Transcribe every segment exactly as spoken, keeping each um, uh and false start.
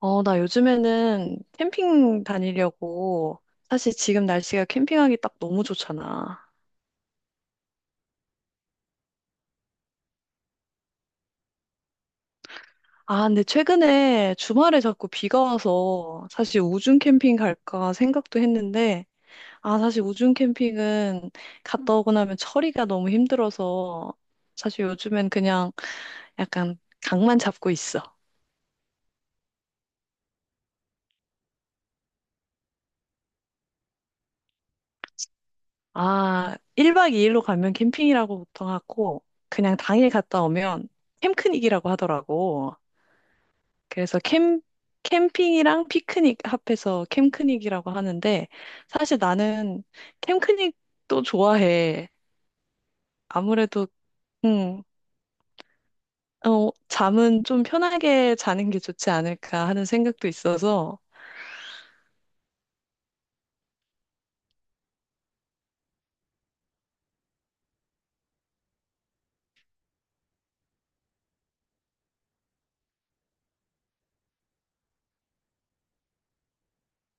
어, 나 요즘에는 캠핑 다니려고. 사실 지금 날씨가 캠핑하기 딱 너무 좋잖아. 아, 근데 최근에 주말에 자꾸 비가 와서 사실 우중 캠핑 갈까 생각도 했는데, 아, 사실 우중 캠핑은 갔다 오고 나면 처리가 너무 힘들어서 사실 요즘엔 그냥 약간 강만 잡고 있어. 아, 일 박 이 일로 가면 캠핑이라고 보통 하고, 그냥 당일 갔다 오면 캠크닉이라고 하더라고. 그래서 캠, 캠핑이랑 피크닉 합해서 캠크닉이라고 하는데, 사실 나는 캠크닉도 좋아해. 아무래도, 음, 어, 잠은 좀 편하게 자는 게 좋지 않을까 하는 생각도 있어서,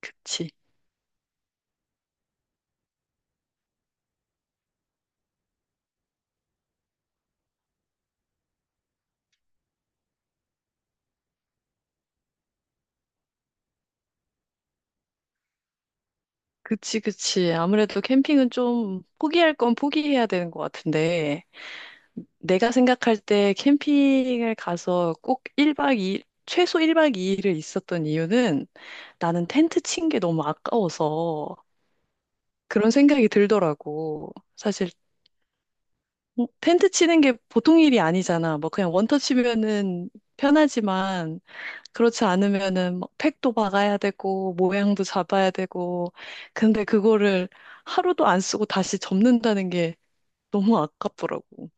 그치. 그치, 그치. 아무래도 캠핑은 좀 포기할 건 포기해야 되는 것 같은데, 내가 생각할 때 캠핑을 가서 꼭 일박 이 일 최소 일 박 이 일을 있었던 이유는 나는 텐트 친 게 너무 아까워서 그런 생각이 들더라고. 사실 텐트 치는 게 보통 일이 아니잖아. 뭐 그냥 원터치면은 편하지만 그렇지 않으면은 막 팩도 박아야 되고 모양도 잡아야 되고 근데 그거를 하루도 안 쓰고 다시 접는다는 게 너무 아깝더라고.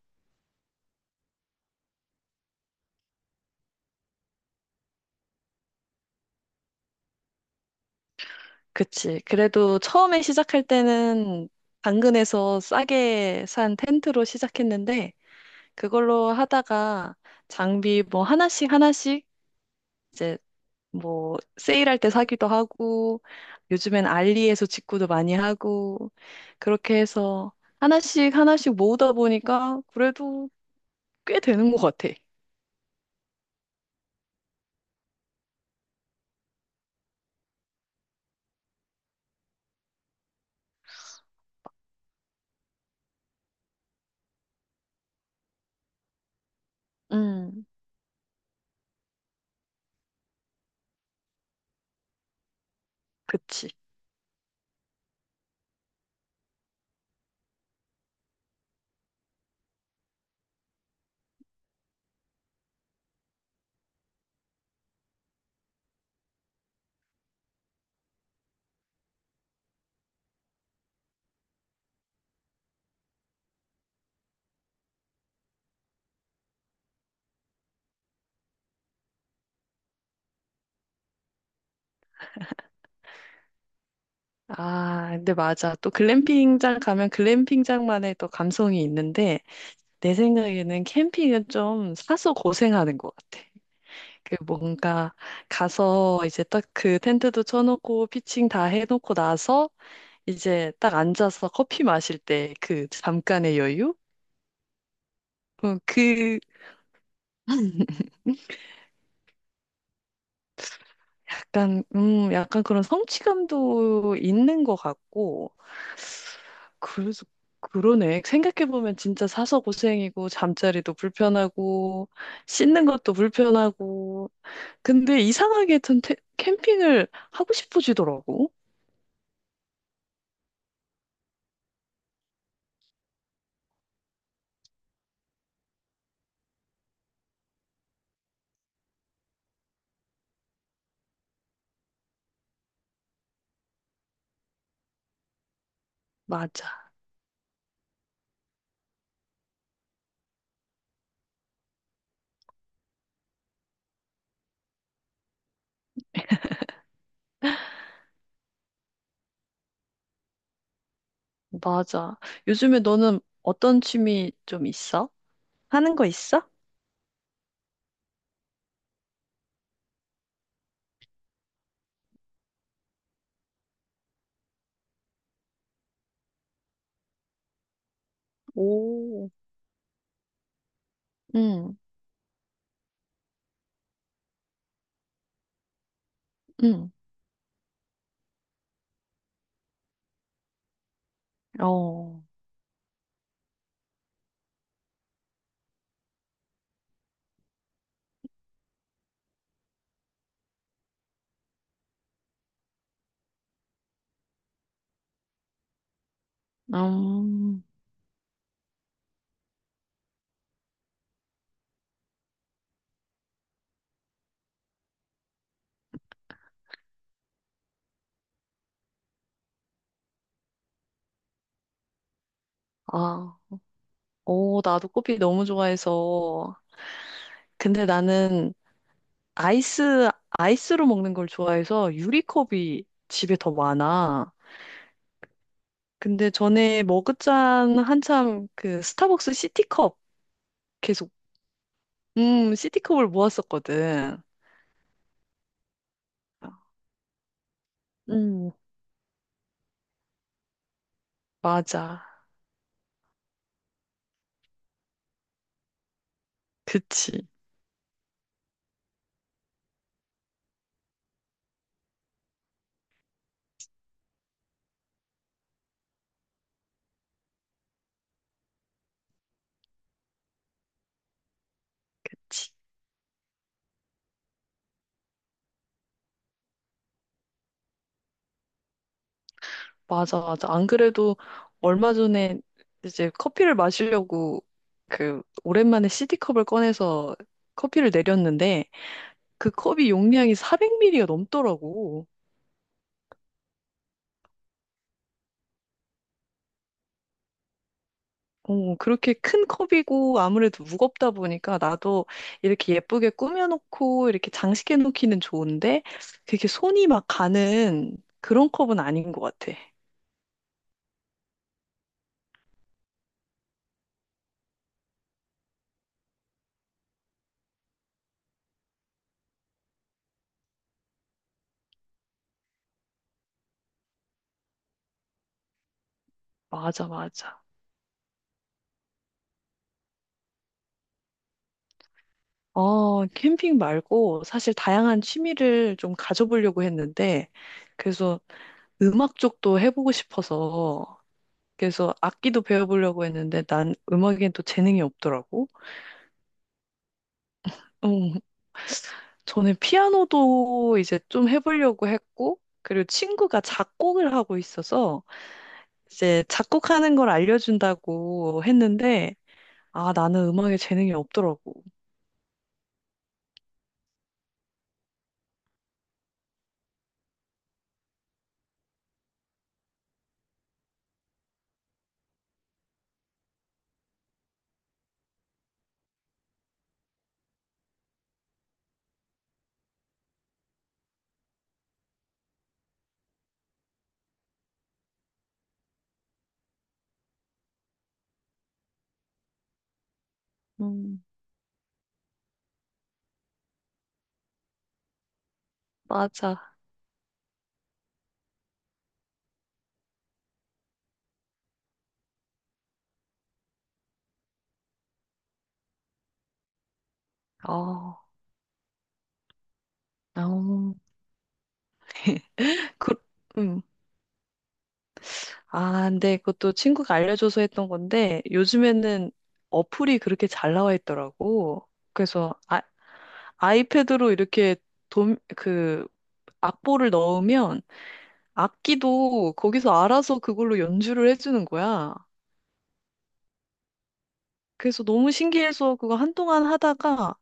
그치. 그래도 처음에 시작할 때는 당근에서 싸게 산 텐트로 시작했는데 그걸로 하다가 장비 뭐 하나씩 하나씩 이제 뭐 세일할 때 사기도 하고 요즘엔 알리에서 직구도 많이 하고 그렇게 해서 하나씩 하나씩 모으다 보니까 그래도 꽤 되는 것 같아. 음, 그치. 아, 근데 맞아. 또 글램핑장 가면 글램핑장만의 또 감성이 있는데 내 생각에는 캠핑은 좀 사서 고생하는 것 같아. 그 뭔가 가서 이제 딱 그 텐트도 쳐놓고 피칭 다 해놓고 나서 이제 딱 앉아서 커피 마실 때 그 잠깐의 여유? 어, 그 약간 음 약간 그런 성취감도 있는 것 같고 그래서 그러네 생각해 보면 진짜 사서 고생이고 잠자리도 불편하고 씻는 것도 불편하고 근데 이상하게 전 태- 캠핑을 하고 싶어지더라고. 맞아, 맞아. 요즘에 너는 어떤 취미 좀 있어? 하는 거 있어? 오, 응, 응. 어, 음, 아, 오, 나도 커피 너무 좋아해서. 근데 나는 아이스, 아이스로 먹는 걸 좋아해서 유리컵이 집에 더 많아. 근데 전에 머그잔 한참 그 스타벅스 시티컵 계속, 음, 시티컵을 모았었거든. 음, 맞아. 그치. 맞아, 맞아. 안 그래도 얼마 전에 이제 커피를 마시려고 그 오랜만에 씨디 컵을 꺼내서 커피를 내렸는데 그 컵이 용량이 사백 밀리리터가 넘더라고. 어, 그렇게 큰 컵이고 아무래도 무겁다 보니까 나도 이렇게 예쁘게 꾸며놓고 이렇게 장식해 놓기는 좋은데 되게 손이 막 가는 그런 컵은 아닌 것 같아. 맞아, 맞아. 어, 캠핑 말고 사실 다양한 취미를 좀 가져보려고 했는데, 그래서 음악 쪽도 해보고 싶어서, 그래서 악기도 배워보려고 했는데, 난 음악엔 또 재능이 없더라고. 음, 저는 피아노도 이제 좀 해보려고 했고, 그리고 친구가 작곡을 하고 있어서, 이제 작곡하는 걸 알려준다고 했는데, 아, 나는 음악에 재능이 없더라고. 음, 맞아. 어, 어. 그, 음. 아, 근데 그것도 친구가 알려줘서 했던 건데 요즘에는 어플이 그렇게 잘 나와 있더라고. 그래서 아, 아이패드로 이렇게 돔, 그 악보를 넣으면 악기도 거기서 알아서 그걸로 연주를 해주는 거야. 그래서 너무 신기해서 그거 한동안 하다가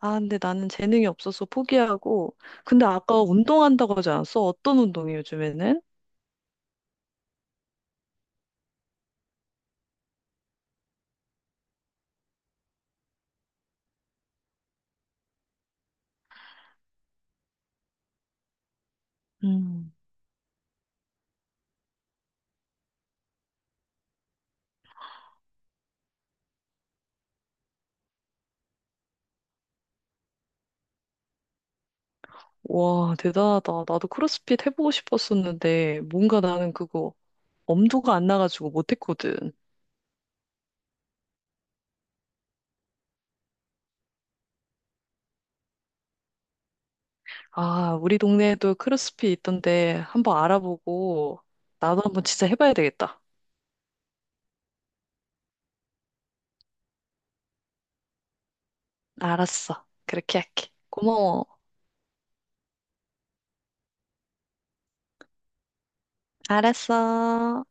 아, 근데 나는 재능이 없어서 포기하고. 근데 아까 운동한다고 하지 않았어? 어떤 운동이 요즘에는? 음. 와, 대단하다. 나도 크로스핏 해보고 싶었었는데, 뭔가 나는 그거 엄두가 안 나가지고 못했거든. 아, 우리 동네에도 크로스핏 있던데 한번 알아보고 나도 한번 진짜 해봐야 되겠다. 알았어. 그렇게 할게. 고마워. 알았어.